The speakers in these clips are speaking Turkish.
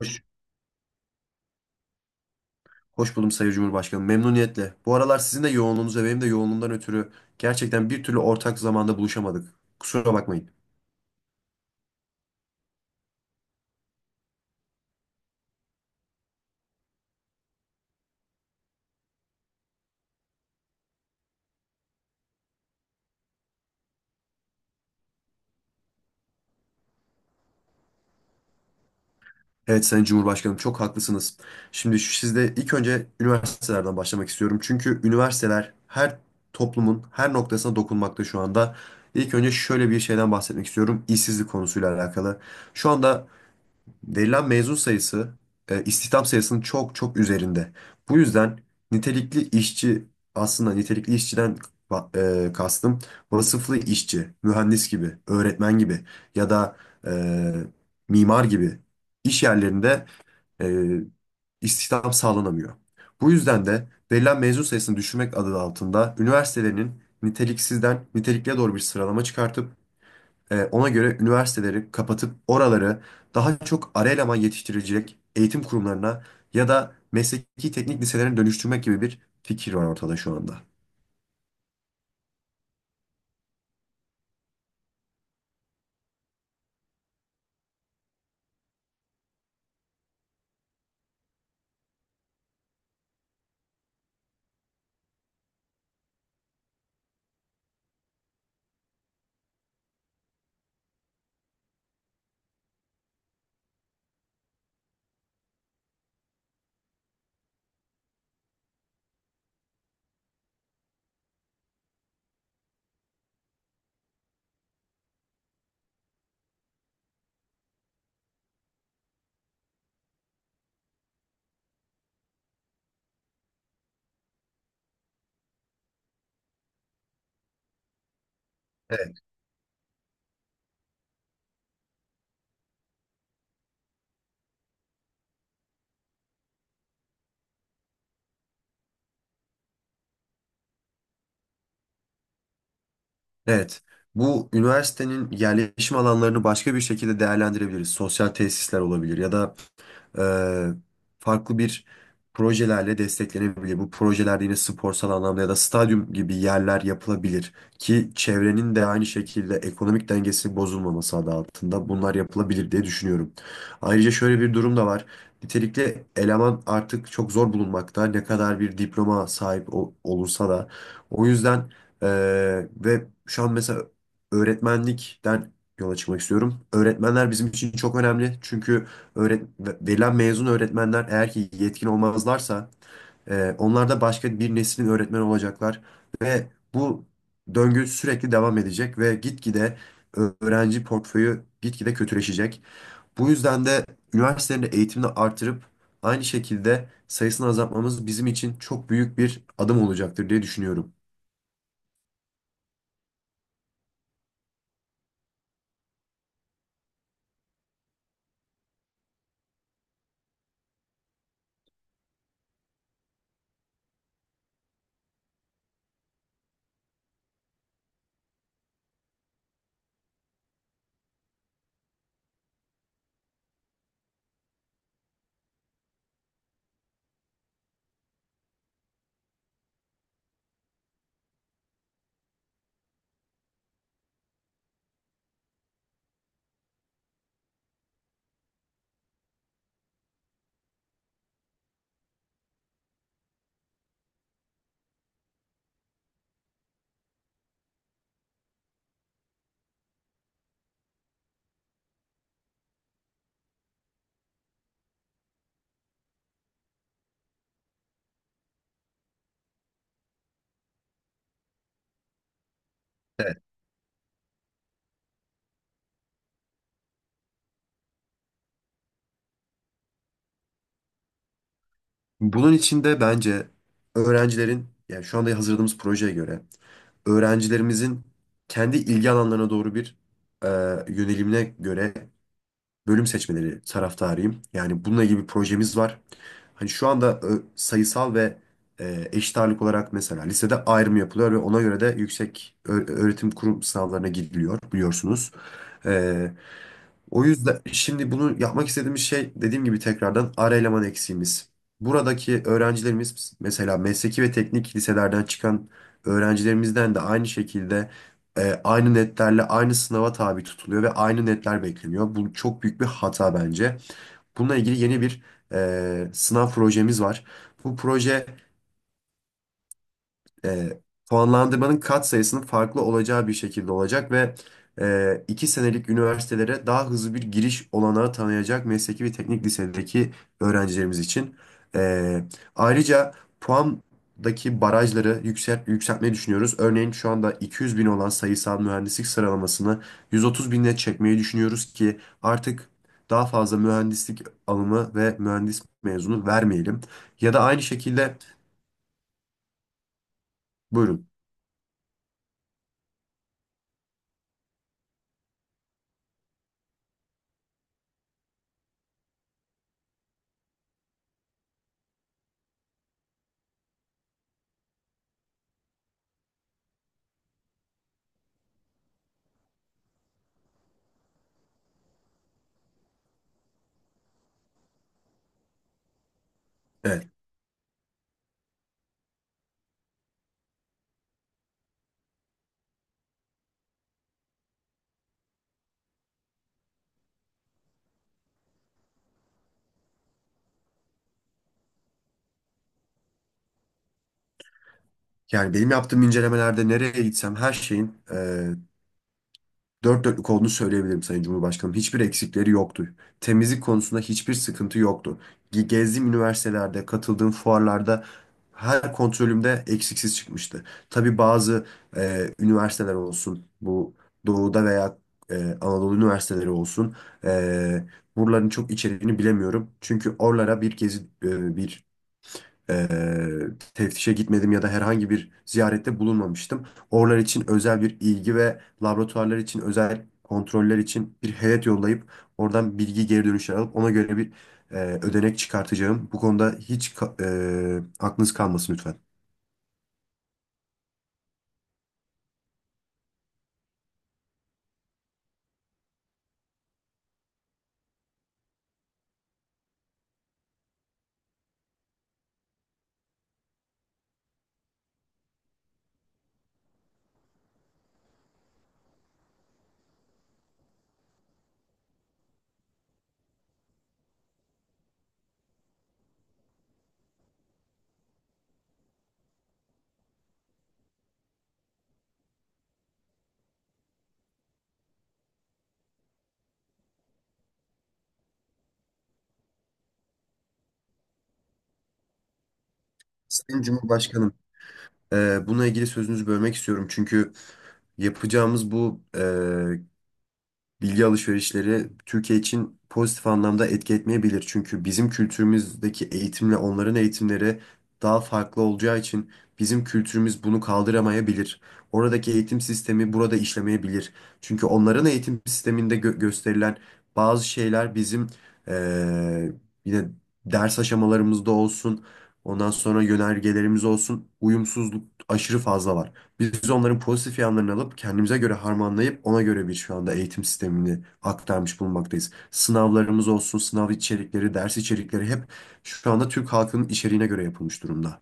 Hoş, Hoş buldum Sayın Cumhurbaşkanım. Memnuniyetle. Bu aralar sizin de yoğunluğunuz ve benim de yoğunluğumdan ötürü gerçekten bir türlü ortak zamanda buluşamadık. Kusura bakmayın. Evet Sayın Cumhurbaşkanım, çok haklısınız. Şimdi sizde ilk önce üniversitelerden başlamak istiyorum. Çünkü üniversiteler her toplumun her noktasına dokunmakta şu anda. İlk önce şöyle bir şeyden bahsetmek istiyorum. İşsizlik konusuyla alakalı. Şu anda verilen mezun sayısı istihdam sayısının çok çok üzerinde. Bu yüzden nitelikli işçi, aslında nitelikli işçiden kastım vasıflı işçi, mühendis gibi, öğretmen gibi ya da e, mimar gibi iş yerlerinde, e, istihdam sağlanamıyor. Bu yüzden de verilen mezun sayısını düşürmek adı altında üniversitelerinin niteliksizden nitelikliye doğru bir sıralama çıkartıp ona göre üniversiteleri kapatıp oraları daha çok ara eleman yetiştirecek eğitim kurumlarına ya da mesleki teknik liselerine dönüştürmek gibi bir fikir var ortada şu anda. Evet. Evet. Bu üniversitenin yerleşim alanlarını başka bir şekilde değerlendirebiliriz. Sosyal tesisler olabilir ya da e, farklı bir projelerle desteklenebilir. Bu projelerde yine sporsal anlamda ya da stadyum gibi yerler yapılabilir ki çevrenin de aynı şekilde ekonomik dengesinin bozulmaması adı altında bunlar yapılabilir diye düşünüyorum. Ayrıca şöyle bir durum da var. Nitelikli eleman artık çok zor bulunmakta. Ne kadar bir diploma sahip olursa da. O yüzden e, ve şu an mesela öğretmenlikten yola çıkmak istiyorum. Öğretmenler bizim için çok önemli. Çünkü verilen mezun öğretmenler eğer ki yetkin olmazlarsa, onlar da başka bir neslin öğretmeni olacaklar ve bu döngü sürekli devam edecek ve gitgide öğrenci portföyü gitgide kötüleşecek. Bu yüzden de üniversitelerin de eğitimini artırıp aynı şekilde sayısını azaltmamız bizim için çok büyük bir adım olacaktır diye düşünüyorum. Evet. Bunun için de bence öğrencilerin, yani şu anda hazırladığımız projeye göre öğrencilerimizin kendi ilgi alanlarına doğru bir e, yönelimine göre bölüm seçmeleri taraftarıyım. Yani bununla ilgili bir projemiz var. Hani şu anda sayısal ve eşit ağırlık olarak mesela lisede ayrım yapılıyor ve ona göre de yüksek öğretim kurum sınavlarına gidiliyor, biliyorsunuz. E, O yüzden şimdi bunu yapmak istediğimiz şey, dediğim gibi tekrardan ara eleman eksiğimiz. Buradaki öğrencilerimiz, mesela mesleki ve teknik liselerden çıkan öğrencilerimizden de aynı şekilde, aynı netlerle aynı sınava tabi tutuluyor ve aynı netler bekleniyor. Bu çok büyük bir hata bence. Bununla ilgili yeni bir sınav projemiz var. Bu proje e, puanlandırmanın kat sayısının farklı olacağı bir şekilde olacak ve iki senelik üniversitelere daha hızlı bir giriş olanağı tanıyacak mesleki ve teknik lisedeki öğrencilerimiz için. E, Ayrıca puandaki barajları yükseltmeyi düşünüyoruz. Örneğin şu anda 200 bin olan sayısal mühendislik sıralamasını 130 bine çekmeyi düşünüyoruz ki artık daha fazla mühendislik alımı ve mühendis mezunu vermeyelim. Ya da aynı şekilde buyurun. Evet. Yani benim yaptığım incelemelerde nereye gitsem her şeyin dört dörtlük olduğunu söyleyebilirim Sayın Cumhurbaşkanım. Hiçbir eksikleri yoktu. Temizlik konusunda hiçbir sıkıntı yoktu. Gezdiğim üniversitelerde, katıldığım fuarlarda her kontrolümde eksiksiz çıkmıştı. Tabii bazı üniversiteler olsun, bu Doğu'da veya e, Anadolu üniversiteleri olsun, e, buraların çok içeriğini bilemiyorum. Çünkü oralara bir gezi, bir eee, teftişe gitmedim ya da herhangi bir ziyarette bulunmamıştım. Oralar için özel bir ilgi ve laboratuvarlar için özel kontroller için bir heyet yollayıp oradan bilgi geri dönüşler alıp ona göre bir ödenek çıkartacağım. Bu konuda hiç aklınız kalmasın lütfen. Sayın Cumhurbaşkanım, bununla ilgili sözünüzü bölmek istiyorum. Çünkü yapacağımız bu bilgi alışverişleri Türkiye için pozitif anlamda etki etmeyebilir. Çünkü bizim kültürümüzdeki eğitimle onların eğitimleri daha farklı olacağı için bizim kültürümüz bunu kaldıramayabilir. Oradaki eğitim sistemi burada işlemeyebilir. Çünkü onların eğitim sisteminde gösterilen bazı şeyler bizim eee, yine ders aşamalarımızda olsun, ondan sonra yönergelerimiz olsun, uyumsuzluk aşırı fazla var. Biz onların pozitif yanlarını alıp kendimize göre harmanlayıp ona göre bir şu anda eğitim sistemini aktarmış bulunmaktayız. Sınavlarımız olsun, sınav içerikleri, ders içerikleri hep şu anda Türk halkının içeriğine göre yapılmış durumda.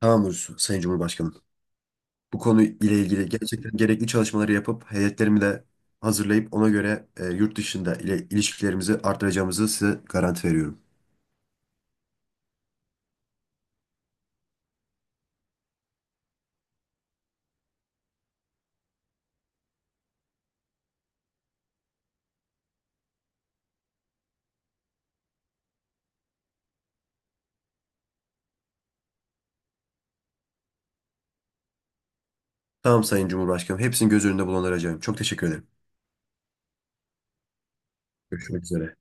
Tamamdır Sayın Cumhurbaşkanım. Bu konu ile ilgili gerçekten gerekli çalışmaları yapıp heyetlerimi de hazırlayıp ona göre yurt dışında ile ilişkilerimizi artıracağımızı size garanti veriyorum. Tamam Sayın Cumhurbaşkanım. Hepsini göz önünde bulunduracağım. Çok teşekkür ederim. Görüşmek üzere.